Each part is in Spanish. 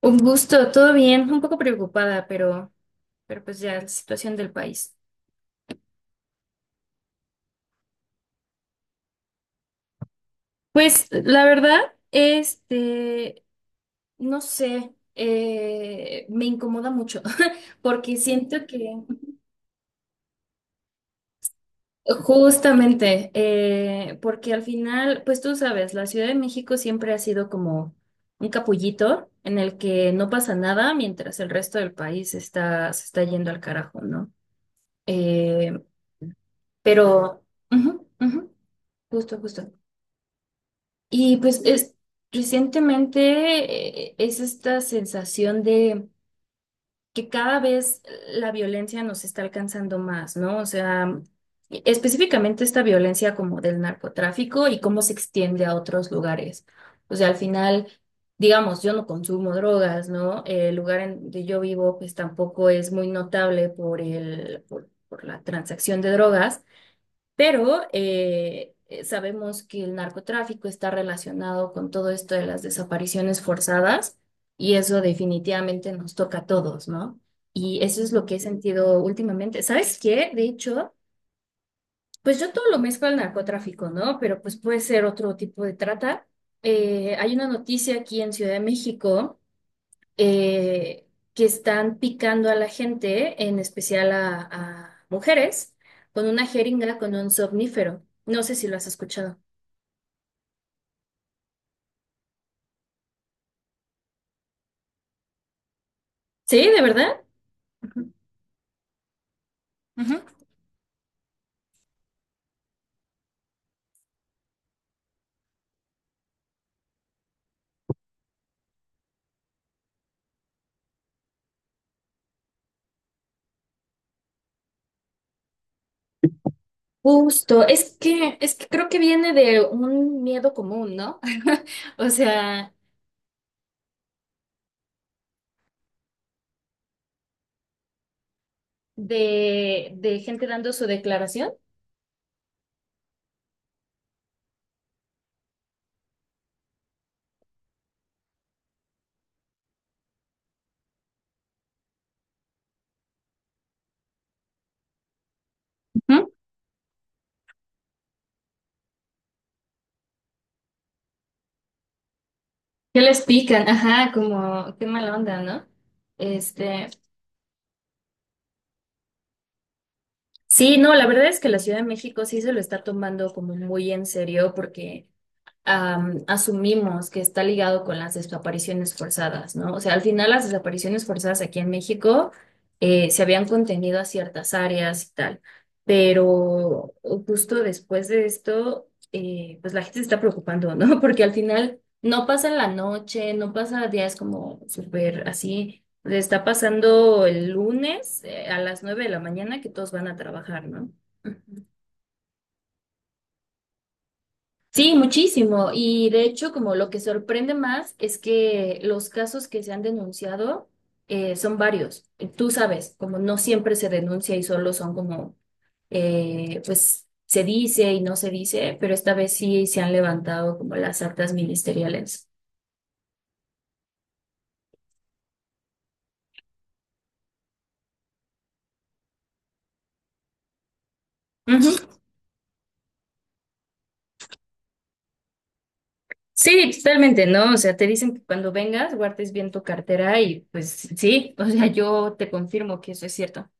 Un gusto, todo bien, un poco preocupada, pero pues ya la situación del país. Pues la verdad, este, no sé, me incomoda mucho, porque siento que justamente, porque al final, pues tú sabes, la Ciudad de México siempre ha sido como un capullito en el que no pasa nada mientras el resto del país está, se está yendo al carajo, ¿no? Eh, pero, ujú, ujú, justo, justo. Y recientemente es esta sensación de que cada vez la violencia nos está alcanzando más, ¿no? O sea, específicamente esta violencia como del narcotráfico y cómo se extiende a otros lugares. O sea, al final, digamos, yo no consumo drogas, ¿no? El lugar en donde yo vivo pues tampoco es muy notable por por la transacción de drogas. Pero sabemos que el narcotráfico está relacionado con todo esto de las desapariciones forzadas y eso definitivamente nos toca a todos, ¿no? Y eso es lo que he sentido últimamente. ¿Sabes qué? De hecho, pues yo todo lo mezclo al narcotráfico, ¿no? Pero pues puede ser otro tipo de trata. Hay una noticia aquí en Ciudad de México eh, que están picando a la gente, en especial a mujeres, con una jeringa, con un somnífero. No sé si lo has escuchado. ¿Sí? ¿De verdad? Ujú, ujú. Justo, es que creo que viene de un miedo común, ¿no? O sea, de gente dando su declaración. Ujú. ¿Qué les pican? Ajá, como, qué mala onda, ¿no? Este, sí, no, la verdad es que la Ciudad de México sí se lo está tomando como muy en serio porque asumimos que está ligado con las desapariciones forzadas, ¿no? O sea, al final las desapariciones forzadas aquí en México se habían contenido a ciertas áreas y tal, pero justo después de esto, pues la gente se está preocupando, ¿no? Porque al final no pasa en la noche, no pasa días como súper así. Le está pasando el lunes a las 9 de la mañana que todos van a trabajar, ¿no? Sí, muchísimo. Y de hecho, como lo que sorprende más es que los casos que se han denunciado son varios. Tú sabes, como no siempre se denuncia y solo son como, pues se dice y no se dice, pero esta vez sí se han levantado como las actas ministeriales. Ujú. Sí, totalmente, ¿no? O sea, te dicen que cuando vengas guardes bien tu cartera y pues sí, o sea, yo te confirmo que eso es cierto.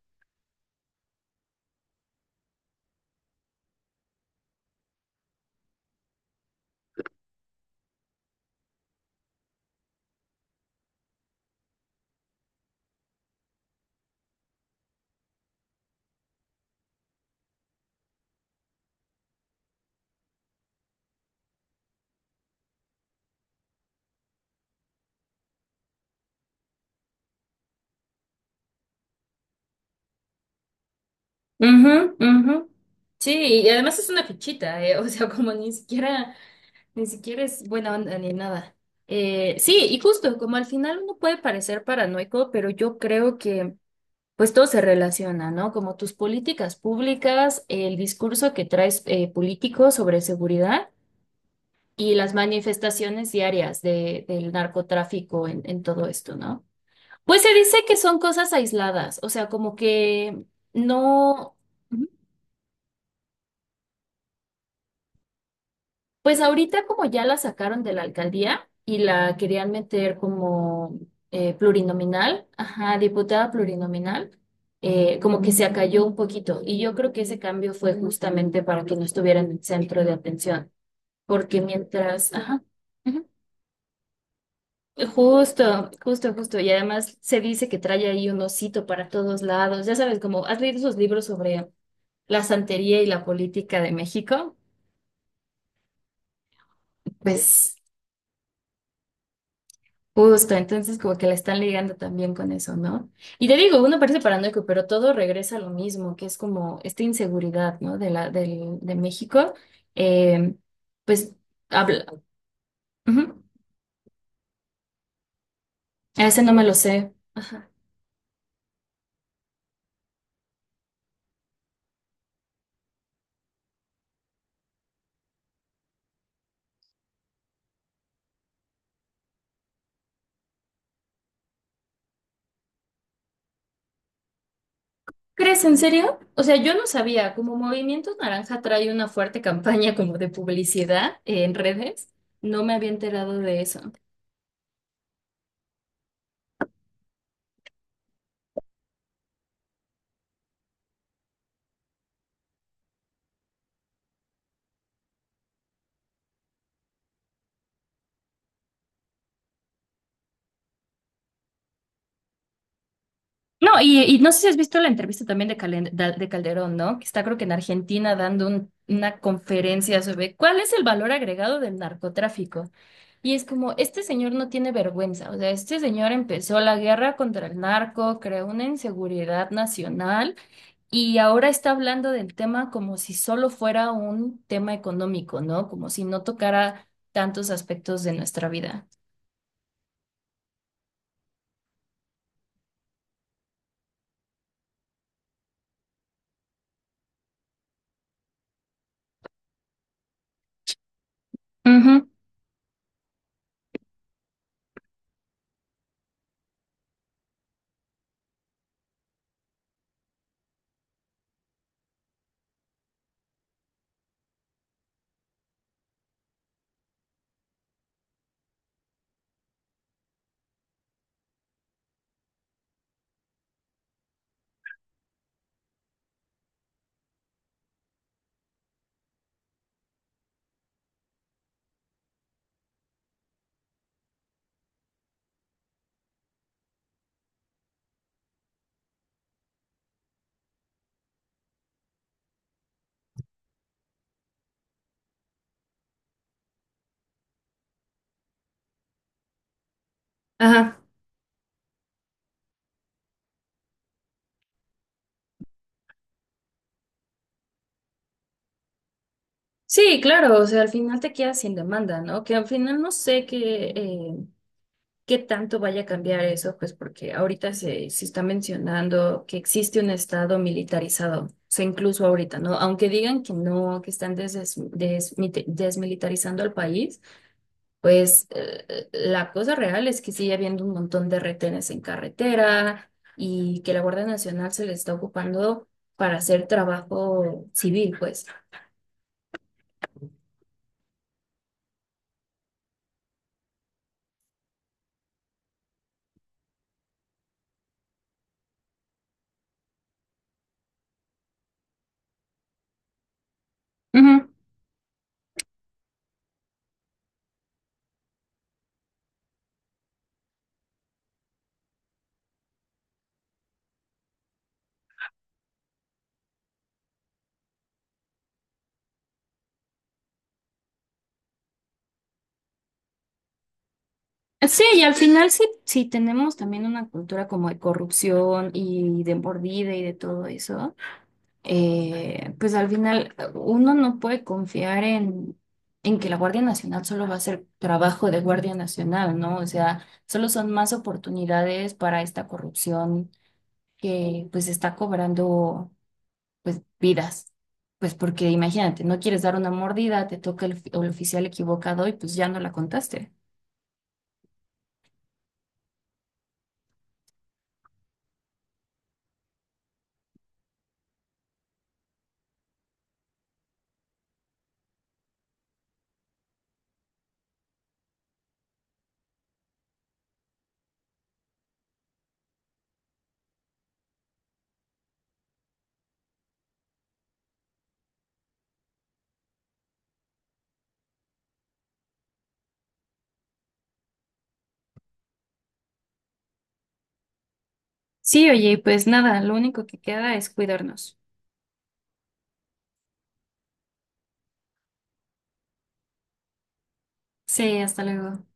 Ujú, ujú. Sí, y además es una fichita, o sea, como ni siquiera, ni siquiera es buena onda ni nada. Sí, y justo, como al final uno puede parecer paranoico, pero yo creo que pues todo se relaciona, ¿no? Como tus políticas públicas, el discurso que traes político sobre seguridad y las manifestaciones diarias del narcotráfico en todo esto, ¿no? Pues se dice que son cosas aisladas, o sea, como que no. Pues ahorita como ya la sacaron de la alcaldía y la querían meter como plurinominal, ajá, diputada plurinominal, como que se acalló un poquito. Y yo creo que ese cambio fue justamente para que no estuviera en el centro de atención, porque mientras, ajá, ujú, justo, justo, justo. Y además se dice que trae ahí un osito para todos lados. Ya sabes, como has leído esos libros sobre la santería y la política de México, pues... Justo, entonces como que la están ligando también con eso, ¿no? Y te digo, uno parece paranoico, pero todo regresa a lo mismo, que es como esta inseguridad, ¿no? De de México. Eh, pues habla. Ujú. A ese no me lo sé. Ajá. ¿Crees en serio? O sea, yo no sabía, como Movimiento Naranja trae una fuerte campaña como de publicidad en redes, no me había enterado de eso. No, y no sé si has visto la entrevista también de Calderón, ¿no? Que está creo que en Argentina dando una conferencia sobre cuál es el valor agregado del narcotráfico. Y es como, este señor no tiene vergüenza, o sea, este señor empezó la guerra contra el narco, creó una inseguridad nacional y ahora está hablando del tema como si solo fuera un tema económico, ¿no? Como si no tocara tantos aspectos de nuestra vida. Ujú. Ajá. Sí, claro, o sea, al final te quedas sin demanda, ¿no? Que al final no sé qué, qué tanto vaya a cambiar eso, pues porque ahorita se está mencionando que existe un estado militarizado, o sea, incluso ahorita, ¿no? Aunque digan que no, que están desmilitarizando al país, pues la cosa real es que sigue habiendo un montón de retenes en carretera y que la Guardia Nacional se le está ocupando para hacer trabajo civil, pues. Sí, y al final sí, sí tenemos también una cultura como de corrupción y de mordida y de todo eso, pues al final uno no puede confiar en que la Guardia Nacional solo va a hacer trabajo de Guardia Nacional, ¿no? O sea, solo son más oportunidades para esta corrupción que pues está cobrando pues vidas. Pues porque imagínate, no quieres dar una mordida, te toca el oficial equivocado y pues ya no la contaste. Sí, oye, pues nada, lo único que queda es cuidarnos. Sí, hasta luego.